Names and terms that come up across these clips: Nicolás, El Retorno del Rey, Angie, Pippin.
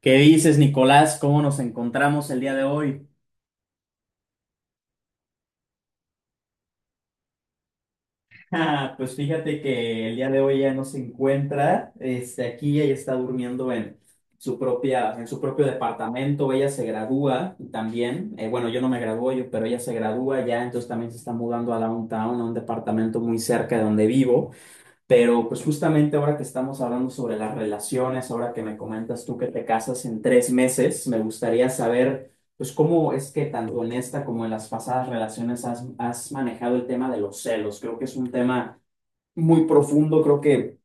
¿Qué dices, Nicolás? ¿Cómo nos encontramos el día de hoy? Ah, pues fíjate que el día de hoy ya no se encuentra, aquí ella está durmiendo en en su propio departamento, ella se gradúa también, bueno, yo no me gradué, yo, pero ella se gradúa ya, entonces también se está mudando a Downtown, a un departamento muy cerca de donde vivo. Pero pues justamente ahora que estamos hablando sobre las relaciones, ahora que me comentas tú que te casas en tres meses, me gustaría saber pues cómo es que tanto en esta como en las pasadas relaciones has manejado el tema de los celos. Creo que es un tema muy profundo, creo que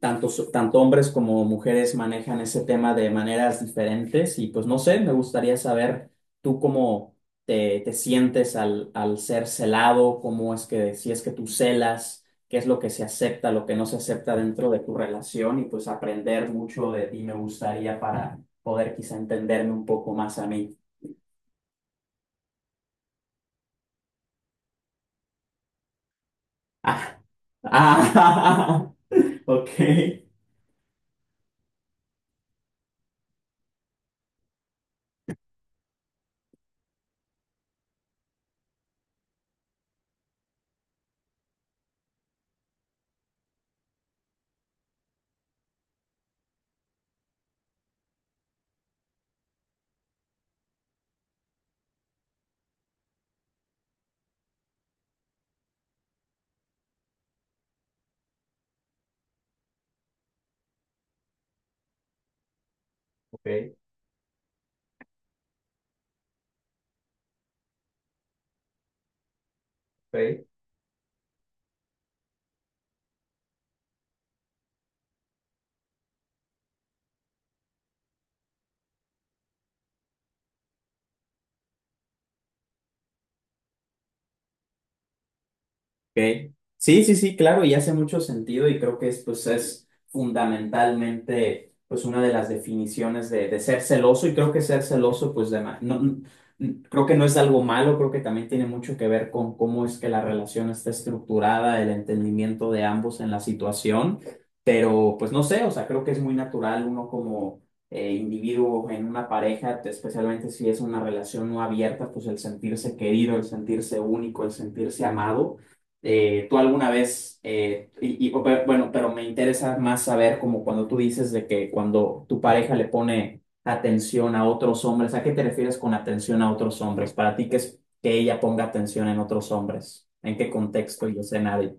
tanto hombres como mujeres manejan ese tema de maneras diferentes y pues no sé, me gustaría saber tú cómo te sientes al ser celado, cómo es que, si es que tú celas, qué es lo que se acepta, lo que no se acepta dentro de tu relación y pues aprender mucho de ti me gustaría para poder quizá entenderme un poco más a mí. Ah, ah, ok. Ok, ok. Ok. Sí, sí, sí, claro, y hace mucho sentido y creo que es, pues, es fundamentalmente pues, una de las definiciones de ser celoso y creo que ser celoso, pues de ma- no, n- n- creo que no es algo malo, creo que también tiene mucho que ver con cómo es que la relación está estructurada, el entendimiento de ambos en la situación, pero pues no sé, o sea, creo que es muy natural uno como individuo en una pareja, especialmente si es una relación no abierta, pues el sentirse querido, el sentirse único, el sentirse amado. Eh, tú alguna vez, y- o pe- Bueno, pero me interesa más saber como cuando tú dices de que cuando tu pareja le pone atención a otros hombres, ¿a qué te refieres con atención a otros hombres? Para ti, ¿qué es que ella ponga atención en otros hombres? ¿En qué contexto y nadie...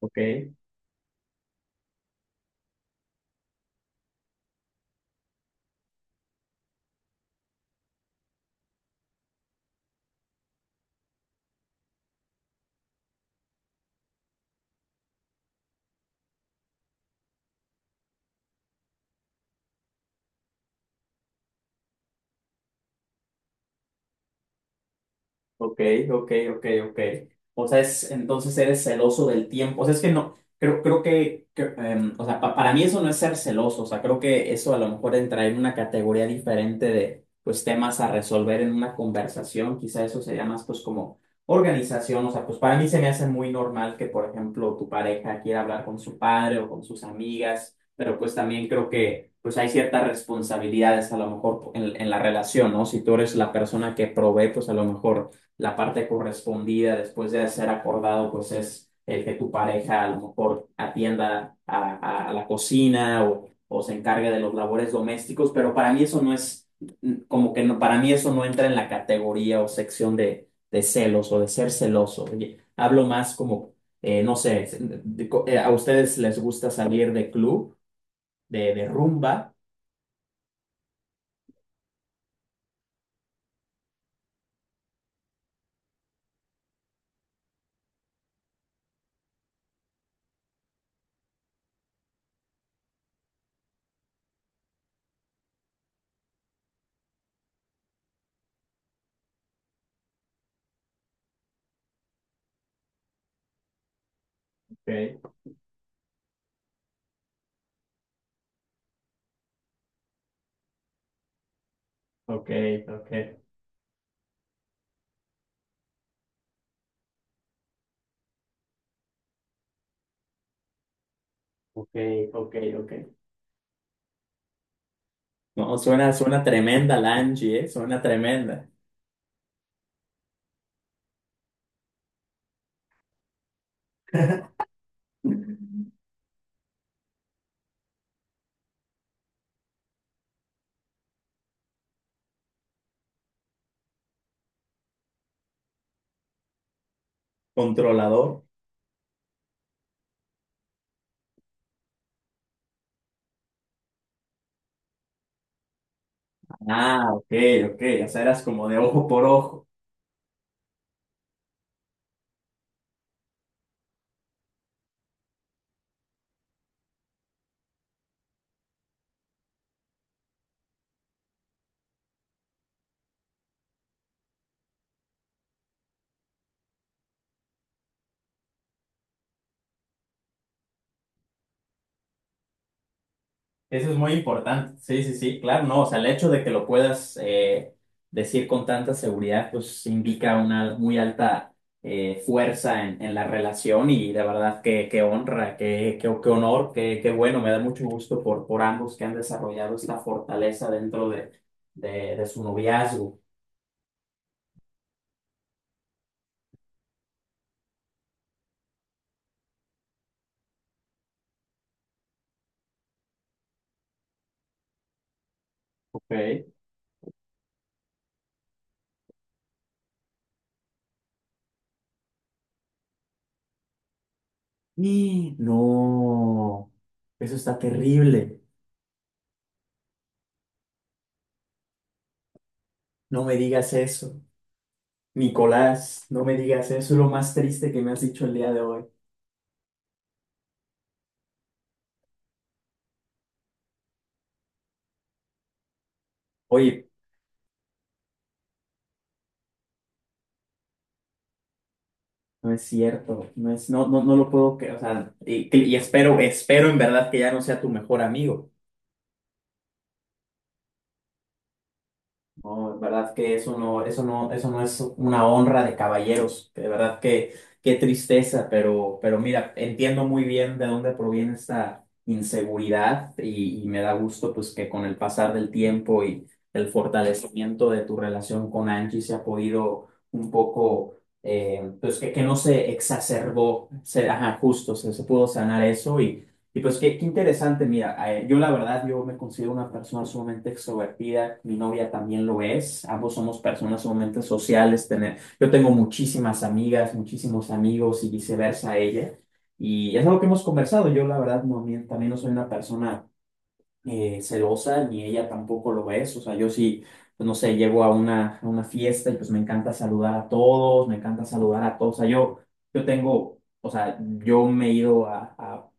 Ok. Ok, ok, ok, ok. O sea, es, entonces eres celoso del tiempo. O sea, es que no, creo que, que, o sea, para mí eso no es ser celoso. O sea, creo que eso a lo mejor entra en una categoría diferente de, pues, temas a resolver en una conversación. Quizá eso sería más, pues, como organización. O sea, pues, para mí se me hace muy normal que, por ejemplo, tu pareja quiera hablar con su padre o con sus amigas, pero pues también creo que, pues, hay ciertas responsabilidades a lo mejor en la relación, ¿no? Si tú eres la persona que provee, pues, a lo mejor la parte correspondida después de ser acordado, pues es el que tu pareja a lo mejor atienda a la cocina o se encargue de los labores domésticos, pero para mí eso no es, mm, como que no, para mí eso no entra en la categoría o sección de celos o de ser celoso. Oye, hablo más como, no sé, a ustedes les gusta salir de club, de rumba. Ok, ok, ok, ok, ok, ok. No, suena, suena tremenda la Angie, ¿eh? Suena tremenda. Controlador. Ah, ok, ok. O sea, eras como de ojo por ojo. Eso es muy importante. Sí, sí, sí, claro, no. O sea, el hecho de que lo puedas decir con tanta seguridad, pues indica una muy alta fuerza en la relación y de verdad que honra, que honor, que bueno. Me da mucho gusto por ambos que han desarrollado esta fortaleza dentro de, de su noviazgo. Ok. Y no, eso está terrible. No me digas eso. Nicolás, no me digas eso. Es lo más triste que me has dicho el día de hoy. Oye, no es cierto. No es, no, no, No lo puedo creer. O sea, y espero, espero en verdad que ya no sea tu mejor amigo. No, en verdad que eso no, eso no es una honra de caballeros. De verdad que qué tristeza, pero mira, entiendo muy bien de dónde proviene esta inseguridad y me da gusto pues que con el pasar del tiempo y el fortalecimiento de tu relación con Angie se ha podido un poco, pues que no se exacerbó, ajá, justo, se pudo sanar eso y pues qué, qué interesante, mira, yo la verdad, yo me considero una persona sumamente extrovertida, mi novia también lo es, ambos somos personas sumamente sociales, yo tengo muchísimas amigas, muchísimos amigos y viceversa ella, y es algo que hemos conversado, yo la verdad no, mi- también no soy una persona celosa, ni ella tampoco lo es. O sea, yo sí, pues, no sé, llego a una fiesta y pues me encanta saludar a todos, me encanta saludar a todos. O sea, yo tengo, o sea, yo me he ido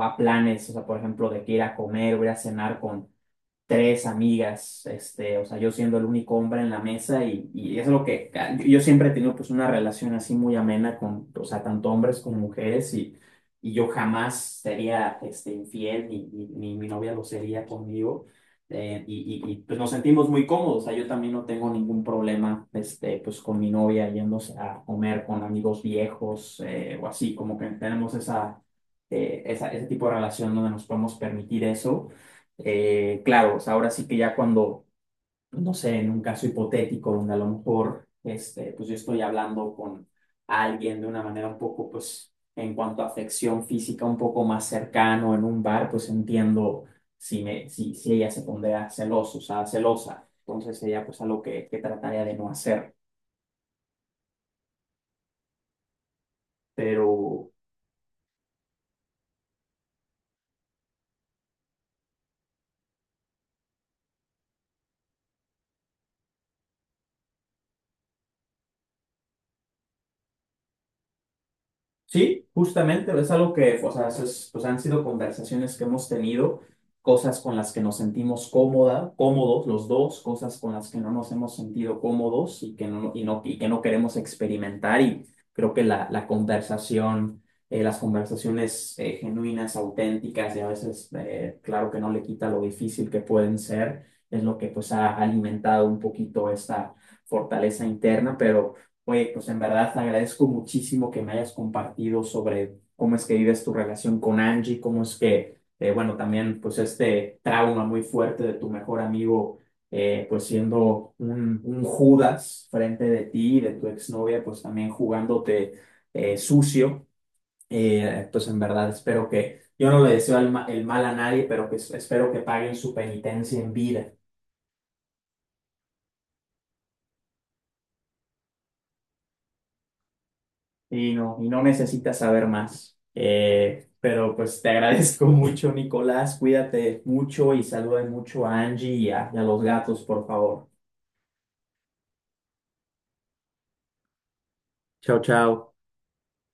a planes, o sea, por ejemplo, de que ir a comer, voy a cenar tres amigas, este, o sea, yo siendo el único hombre en la mesa y es lo que ah, yo siempre he tenido pues una relación así muy amena con, o sea, tanto hombres como mujeres y yo jamás sería este, infiel ni mi novia lo sería conmigo. Y, pues nos sentimos muy cómodos, o sea, yo también no tengo ningún problema, este, pues con mi novia yéndose a comer con amigos viejos o así, como que tenemos esa, ese tipo de relación donde nos podemos permitir eso. Claro, o sea, ahora sí que ya cuando, no sé, en un caso hipotético donde a lo mejor, este, pues yo estoy hablando con alguien de una manera un poco, pues, en cuanto a afección física, un poco más cercano en un bar, pues entiendo si me, si, si ella se pondría celoso, o sea, celosa. Entonces ella pues, algo que trataría de no hacer. Pero sí, justamente, es algo que, o sea, eso es- pues han sido conversaciones que hemos tenido, cosas con las que nos sentimos cómoda, cómodos los dos, cosas con las que no nos hemos sentido cómodos y que no, y que no queremos experimentar. Y creo que la conversación, las conversaciones genuinas, auténticas y a veces, claro que no le quita lo difícil que pueden ser, es lo que pues ha alimentado un poquito esta fortaleza interna, pero... Oye, pues en verdad te agradezco muchísimo que me hayas compartido sobre cómo es que vives tu relación con Angie, cómo es que, bueno, también pues este trauma muy fuerte de tu mejor amigo, pues siendo un Judas frente de ti, de tu exnovia, pues también jugándote sucio. Pues en verdad espero que, yo no le deseo el, ma- el mal a nadie, pero que es- espero que paguen su penitencia en vida. Y no necesitas saber más. Pero pues te agradezco mucho, Nicolás. Cuídate mucho y saluda mucho a Angie y a los gatos, por favor. Chao, chao.